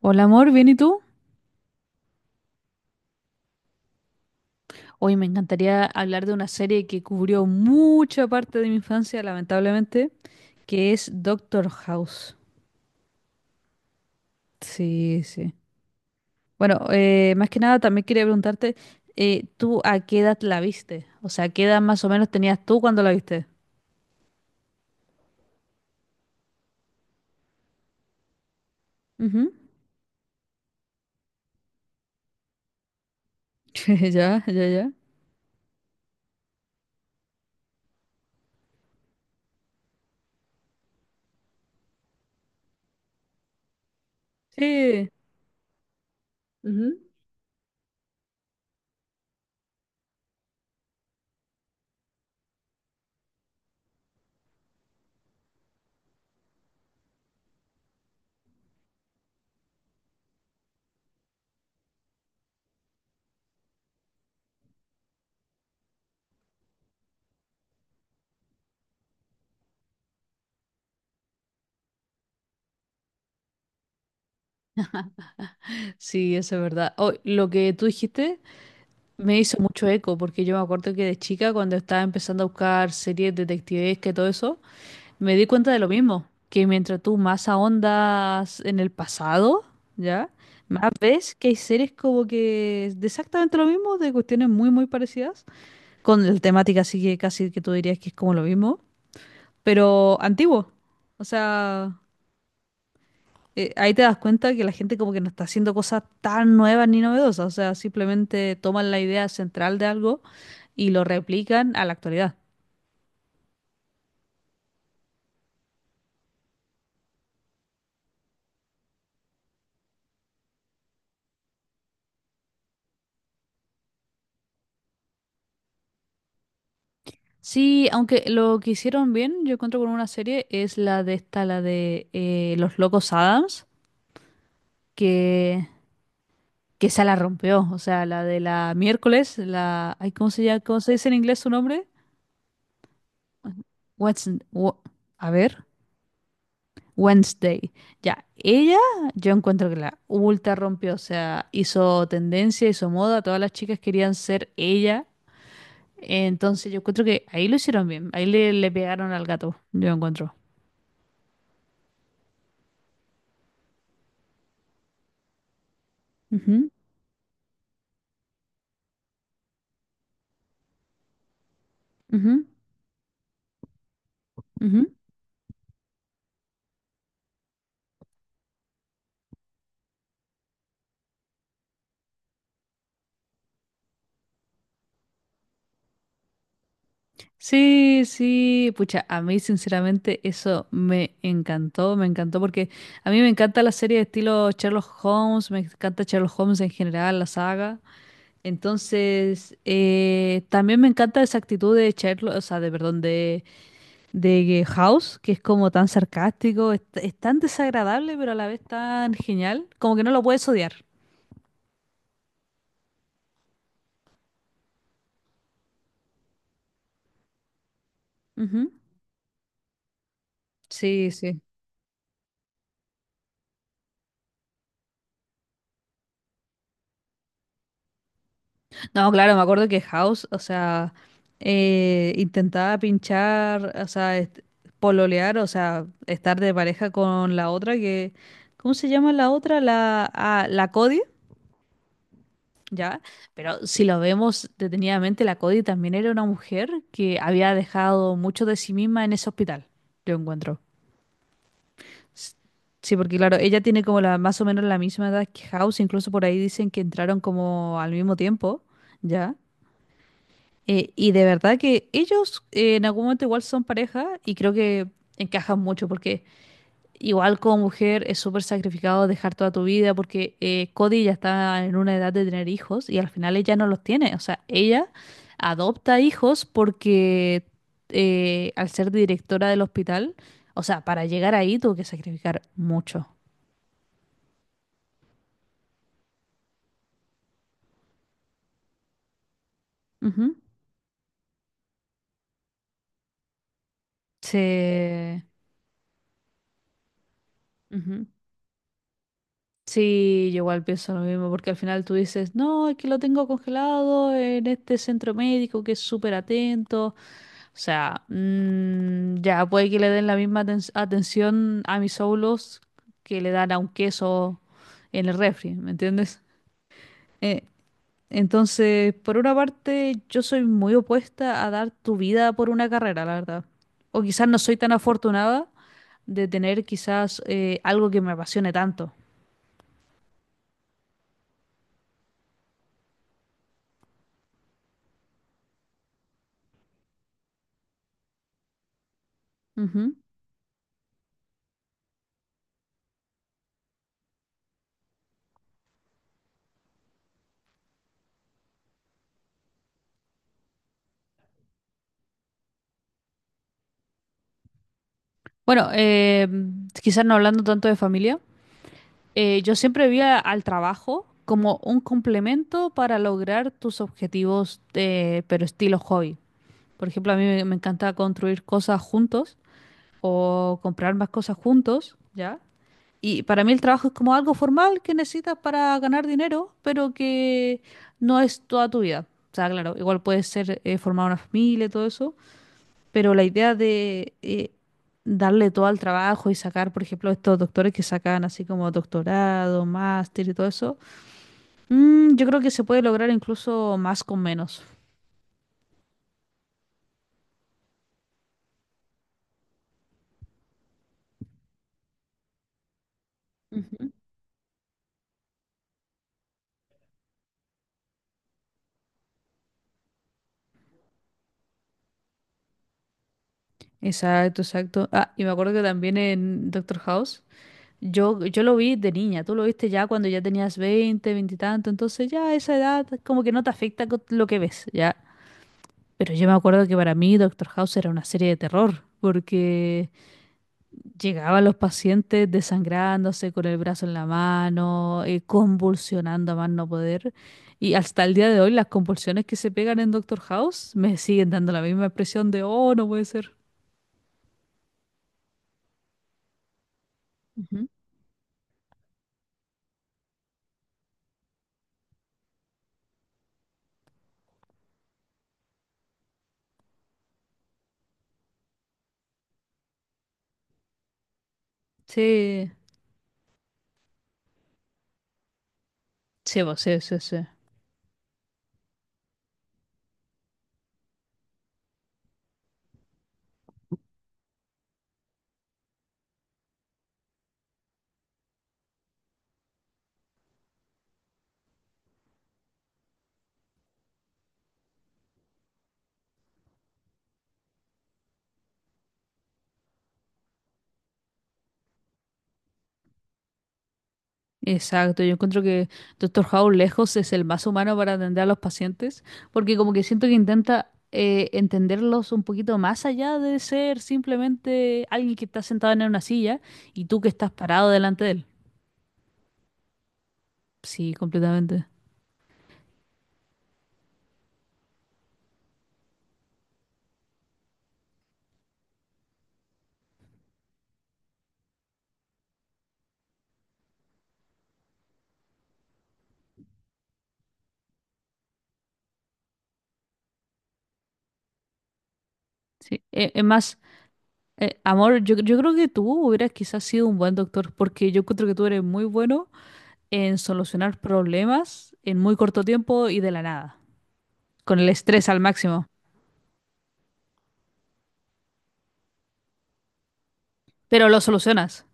Hola amor, ¿bien y tú? Hoy me encantaría hablar de una serie que cubrió mucha parte de mi infancia, lamentablemente, que es Doctor House. Sí, sí. Bueno, más que nada también quería preguntarte, ¿tú a qué edad la viste? O sea, ¿qué edad más o menos tenías tú cuando la viste? Ujú. Ya, ya, ya. Sí. Ujú. Sí, eso es verdad. Oh, lo que tú dijiste me hizo mucho eco, porque yo me acuerdo que de chica, cuando estaba empezando a buscar series detectives que todo eso, me di cuenta de lo mismo, que mientras tú más ahondas en el pasado, ¿ya? Más ves que hay series como que de exactamente lo mismo, de cuestiones muy, muy parecidas, con la temática así que casi que tú dirías que es como lo mismo, pero antiguo. O sea, ahí te das cuenta que la gente como que no está haciendo cosas tan nuevas ni novedosas, o sea, simplemente toman la idea central de algo y lo replican a la actualidad. Sí, aunque lo que hicieron bien, yo encuentro con una serie, es la de esta, la de Los Locos Adams, que, que esa la rompió. O sea, la de la miércoles, la. Ay, ¿cómo se llama? ¿Cómo se dice en inglés su nombre? Wednesday. A ver. Wednesday. Ya, ella, yo encuentro que la ultra rompió. O sea, hizo tendencia, hizo moda, todas las chicas querían ser ella. Entonces yo encuentro que ahí lo hicieron bien, ahí le pegaron al gato, yo encuentro. Ujú, ujú, ujú. Sí, sí, pucha, a mí sinceramente eso me encantó porque a mí me encanta la serie de estilo Sherlock Holmes, me encanta Sherlock Holmes en general, la saga. Entonces, también me encanta esa actitud de Sherlock, o sea, de, perdón, de House, que es como tan sarcástico, es tan desagradable, pero a la vez tan genial, como que no lo puedes odiar. Ujú. Sí, sí. No, claro, me acuerdo que House, o sea, intentaba pinchar, o sea, pololear, o sea, estar de pareja con la otra que, ¿cómo se llama la otra? La Cody, ¿ya? Pero si lo vemos detenidamente, la Cody también era una mujer que había dejado mucho de sí misma en ese hospital, yo encuentro. S- Sí, porque claro, ella tiene como más o menos la misma edad que House, incluso por ahí dicen que entraron como al mismo tiempo, ¿ya? Y de verdad que ellos en algún momento igual son pareja y creo que encajan mucho porque igual como mujer es súper sacrificado dejar toda tu vida porque Cody ya está en una edad de tener hijos y al final ella no los tiene. O sea, ella adopta hijos porque al ser directora del hospital, o sea, para llegar ahí tuvo que sacrificar mucho. Ujú. Se... ujú. Sí, yo igual pienso lo mismo, porque al final tú dices, no, es que lo tengo congelado en este centro médico que es súper atento. O sea, ya puede que le den la misma atención a mis óvulos que le dan a un queso en el refri, ¿me entiendes? Eh, entonces, por una parte, yo soy muy opuesta a dar tu vida por una carrera, la verdad. O quizás no soy tan afortunada de tener quizás algo que me apasione tanto. Ujú. Bueno, quizás no hablando tanto de familia, yo siempre vi al trabajo como un complemento para lograr tus objetivos, pero estilo hobby. Por ejemplo, a mí me encanta construir cosas juntos o comprar más cosas juntos, ¿ya? Y para mí el trabajo es como algo formal que necesitas para ganar dinero, pero que no es toda tu vida. O sea, claro, igual puedes ser, formar una familia y todo eso, pero la idea de darle todo al trabajo y sacar, por ejemplo, estos doctores que sacan así como doctorado, máster y todo eso, yo creo que se puede lograr incluso más con menos. Ujú. Exacto, exacto. Ah, y me acuerdo que también en Doctor House, yo lo vi de niña, tú lo viste ya cuando ya tenías 20, 20 y tanto, entonces ya a esa edad como que no te afecta lo que ves, ya. Pero yo me acuerdo que para mí Doctor House era una serie de terror, porque llegaban los pacientes desangrándose con el brazo en la mano, convulsionando a más no poder. Y hasta el día de hoy las convulsiones que se pegan en Doctor House me siguen dando la misma impresión de, oh, no puede ser. Ujú. Sí, sí, po, sí, sí, sí. Exacto, yo encuentro que Doctor House lejos es el más humano para atender a los pacientes, porque como que siento que intenta entenderlos un poquito más allá de ser simplemente alguien que está sentado en una silla y tú que estás parado delante de él. Sí, completamente. Sí. Es más, amor, yo creo que tú hubieras quizás sido un buen doctor, porque yo encuentro que tú eres muy bueno en solucionar problemas en muy corto tiempo y de la nada, con el estrés al máximo. Pero lo solucionas.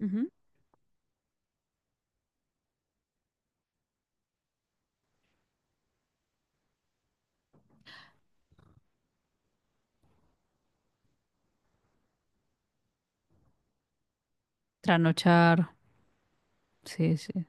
Ujú. Trasnochar. Sí, sí.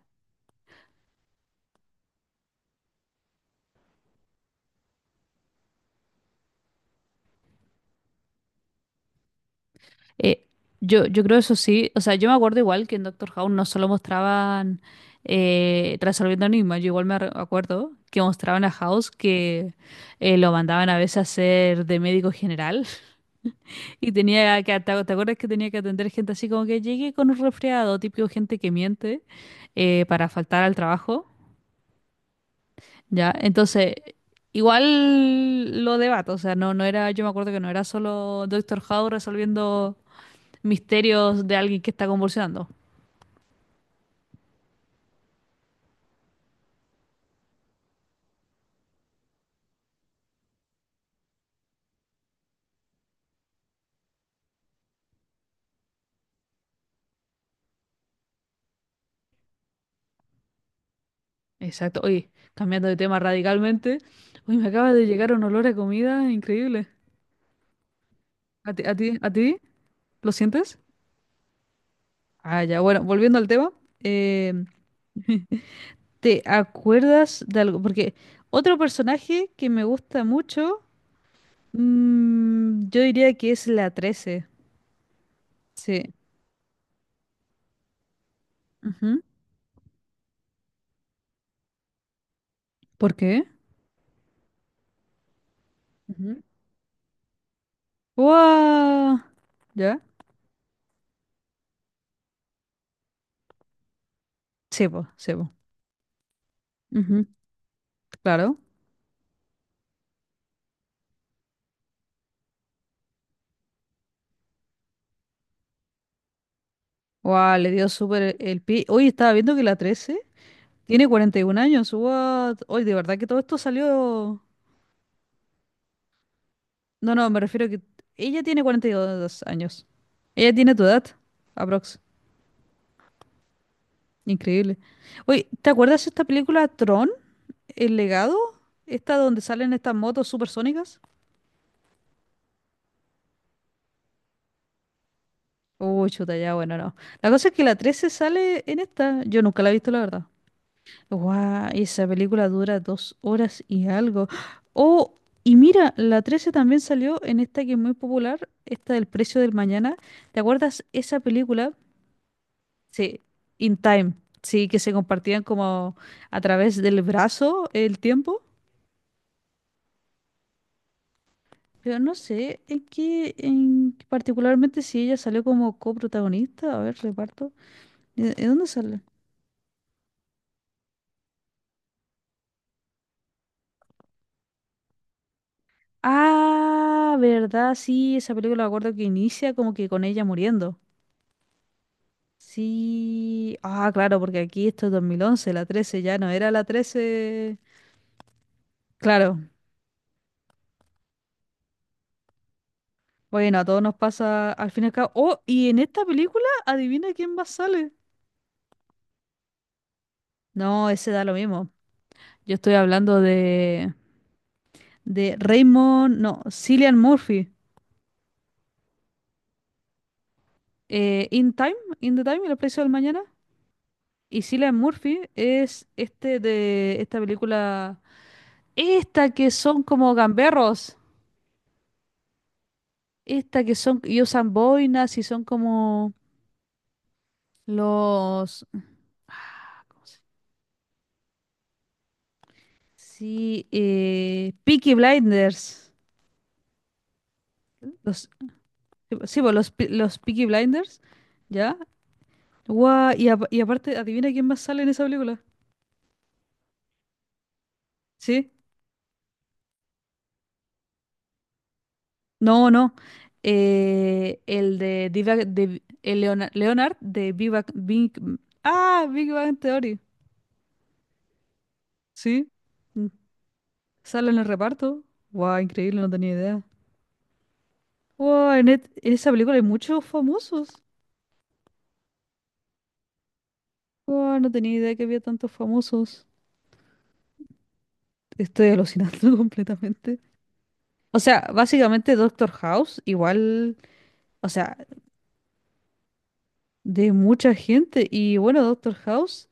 Eh, yo creo eso sí. O sea, yo me acuerdo igual que en Doctor House no solo mostraban resolviendo enigmas, yo igual acuerdo que mostraban a House que lo mandaban a veces a ser de médico general. Y tenía que, ¿te acuerdas que tenía que atender gente así como que llegué con un resfriado, típico gente que miente para faltar al trabajo? Ya, entonces, igual lo debato, o sea, no, no era, yo me acuerdo que no era solo Doctor House resolviendo misterios de alguien que está convulsionando. Exacto, oye, cambiando de tema radicalmente, uy, me acaba de llegar un olor a comida increíble. ¿A ti, a ti, a ti? ¿Lo sientes? Ah, ya, bueno, volviendo al tema, eh, ¿Te acuerdas de algo? Porque otro personaje que me gusta mucho, yo diría que es la trece. Sí. Ujú. ¿Por qué? Ujú. ¡Guau! ¿Ya? Sebo, sebo. Ujú, claro. Wow, le dio súper el pie. Hoy estaba viendo que la 13 tiene 41 años. ¡What! Hoy, de verdad que todo esto salió. No, no, me refiero a que ella tiene 42 años. Ella tiene tu edad, aprox. Increíble. Oye, ¿te acuerdas de esta película Tron? ¿El legado? Esta donde salen estas motos supersónicas. Uy, chuta, ya, bueno, no. La cosa es que la 13 sale en esta. Yo nunca la he visto, la verdad. Guau, esa película dura 2 horas y algo. Oh, y mira, la 13 también salió en esta que es muy popular, esta del precio del mañana. ¿Te acuerdas esa película? Sí, In Time. Sí, que se compartían como a través del brazo el tiempo. Pero no sé, en qué particularmente si ella salió como coprotagonista, a ver, reparto. ¿De dónde sale? Ah, verdad, sí, esa película me acuerdo que inicia como que con ella muriendo. Sí, ah, claro, porque aquí esto es 2011, la 13 ya no era la trece. Claro, bueno, a todos nos pasa al fin y al cabo. Oh, y en esta película, adivina quién más sale. No, ese da lo mismo. Yo estoy hablando de Raymond, no, Cillian Murphy. In Time, In the Time, El Precio del Mañana. Y Cillian Murphy es este de esta película, esta que son como gamberros, esta que son y usan boinas y son como los, ¿cómo se- sí, Peaky Blinders, los, sí, pues, los, pe- los Peaky Blinders, ¿ya? Guau, y, y aparte, adivina quién más sale en esa película, ¿sí? No, no. El de, Leonard, de Big Bang, ah, Big Bang Theory. Sí. Mm, sale en el reparto. Guau, increíble, no tenía idea. Guau, en esa película hay muchos famosos. Guau, no tenía idea que había tantos famosos. Estoy alucinando completamente. O sea, básicamente Doctor House, igual, o sea, de mucha gente. Y bueno, Doctor House.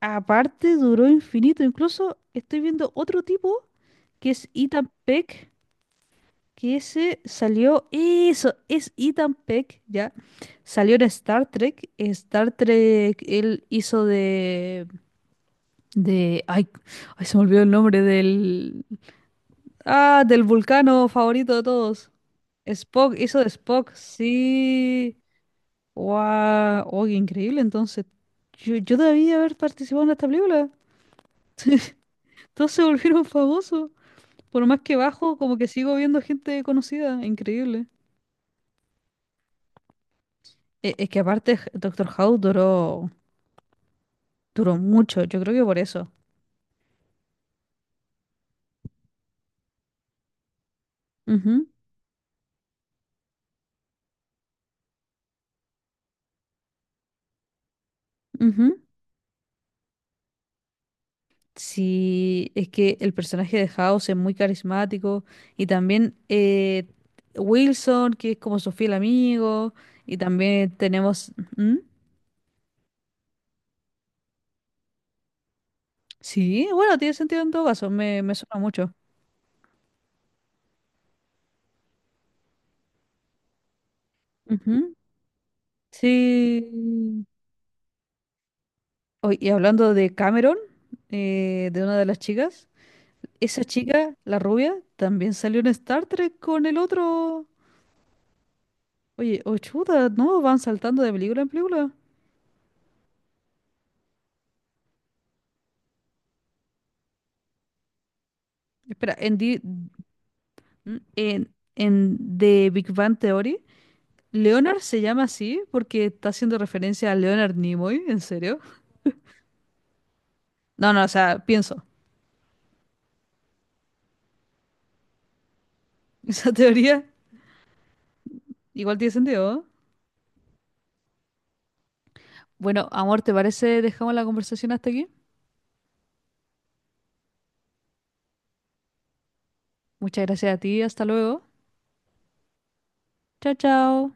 Aparte, duró infinito. Incluso estoy viendo otro tipo que es Ethan Peck, que ese salió. Eso, es Ethan Peck, ya. Salió en Star Trek. En Star Trek, él hizo de. De. Ay, ay, se me olvidó el nombre del. Ah, del vulcano favorito de todos. Spock, hizo de Spock, sí. Wow, oye, increíble. Entonces, yo debía haber participado en esta película. Todos se volvieron famosos. Por más que bajo, como que sigo viendo gente conocida. Increíble. Es, que aparte, Doctor House duró, mucho. Yo creo que por eso. Ujú, ujú. Sí, es que el personaje de House es muy carismático. Y también Wilson, que es como su fiel amigo. Y también tenemos. ¿Mm? Sí, bueno, tiene sentido en todo caso. Me suena mucho. Ujú. Sí. Oy, y hablando de Cameron, de una de las chicas, esa chica, la rubia, también salió en Star Trek con el otro. Oye, oh chuta, ¿no? Van saltando de película en película. Espera, en, The Big Bang Theory, Leonard se llama así porque está haciendo referencia a Leonard Nimoy, ¿en serio? No, no, o sea, pienso. Esa teoría igual tiene sentido, ¿no? Bueno, amor, ¿te parece? Dejamos la conversación hasta aquí. Muchas gracias a ti, hasta luego. Chao, chao.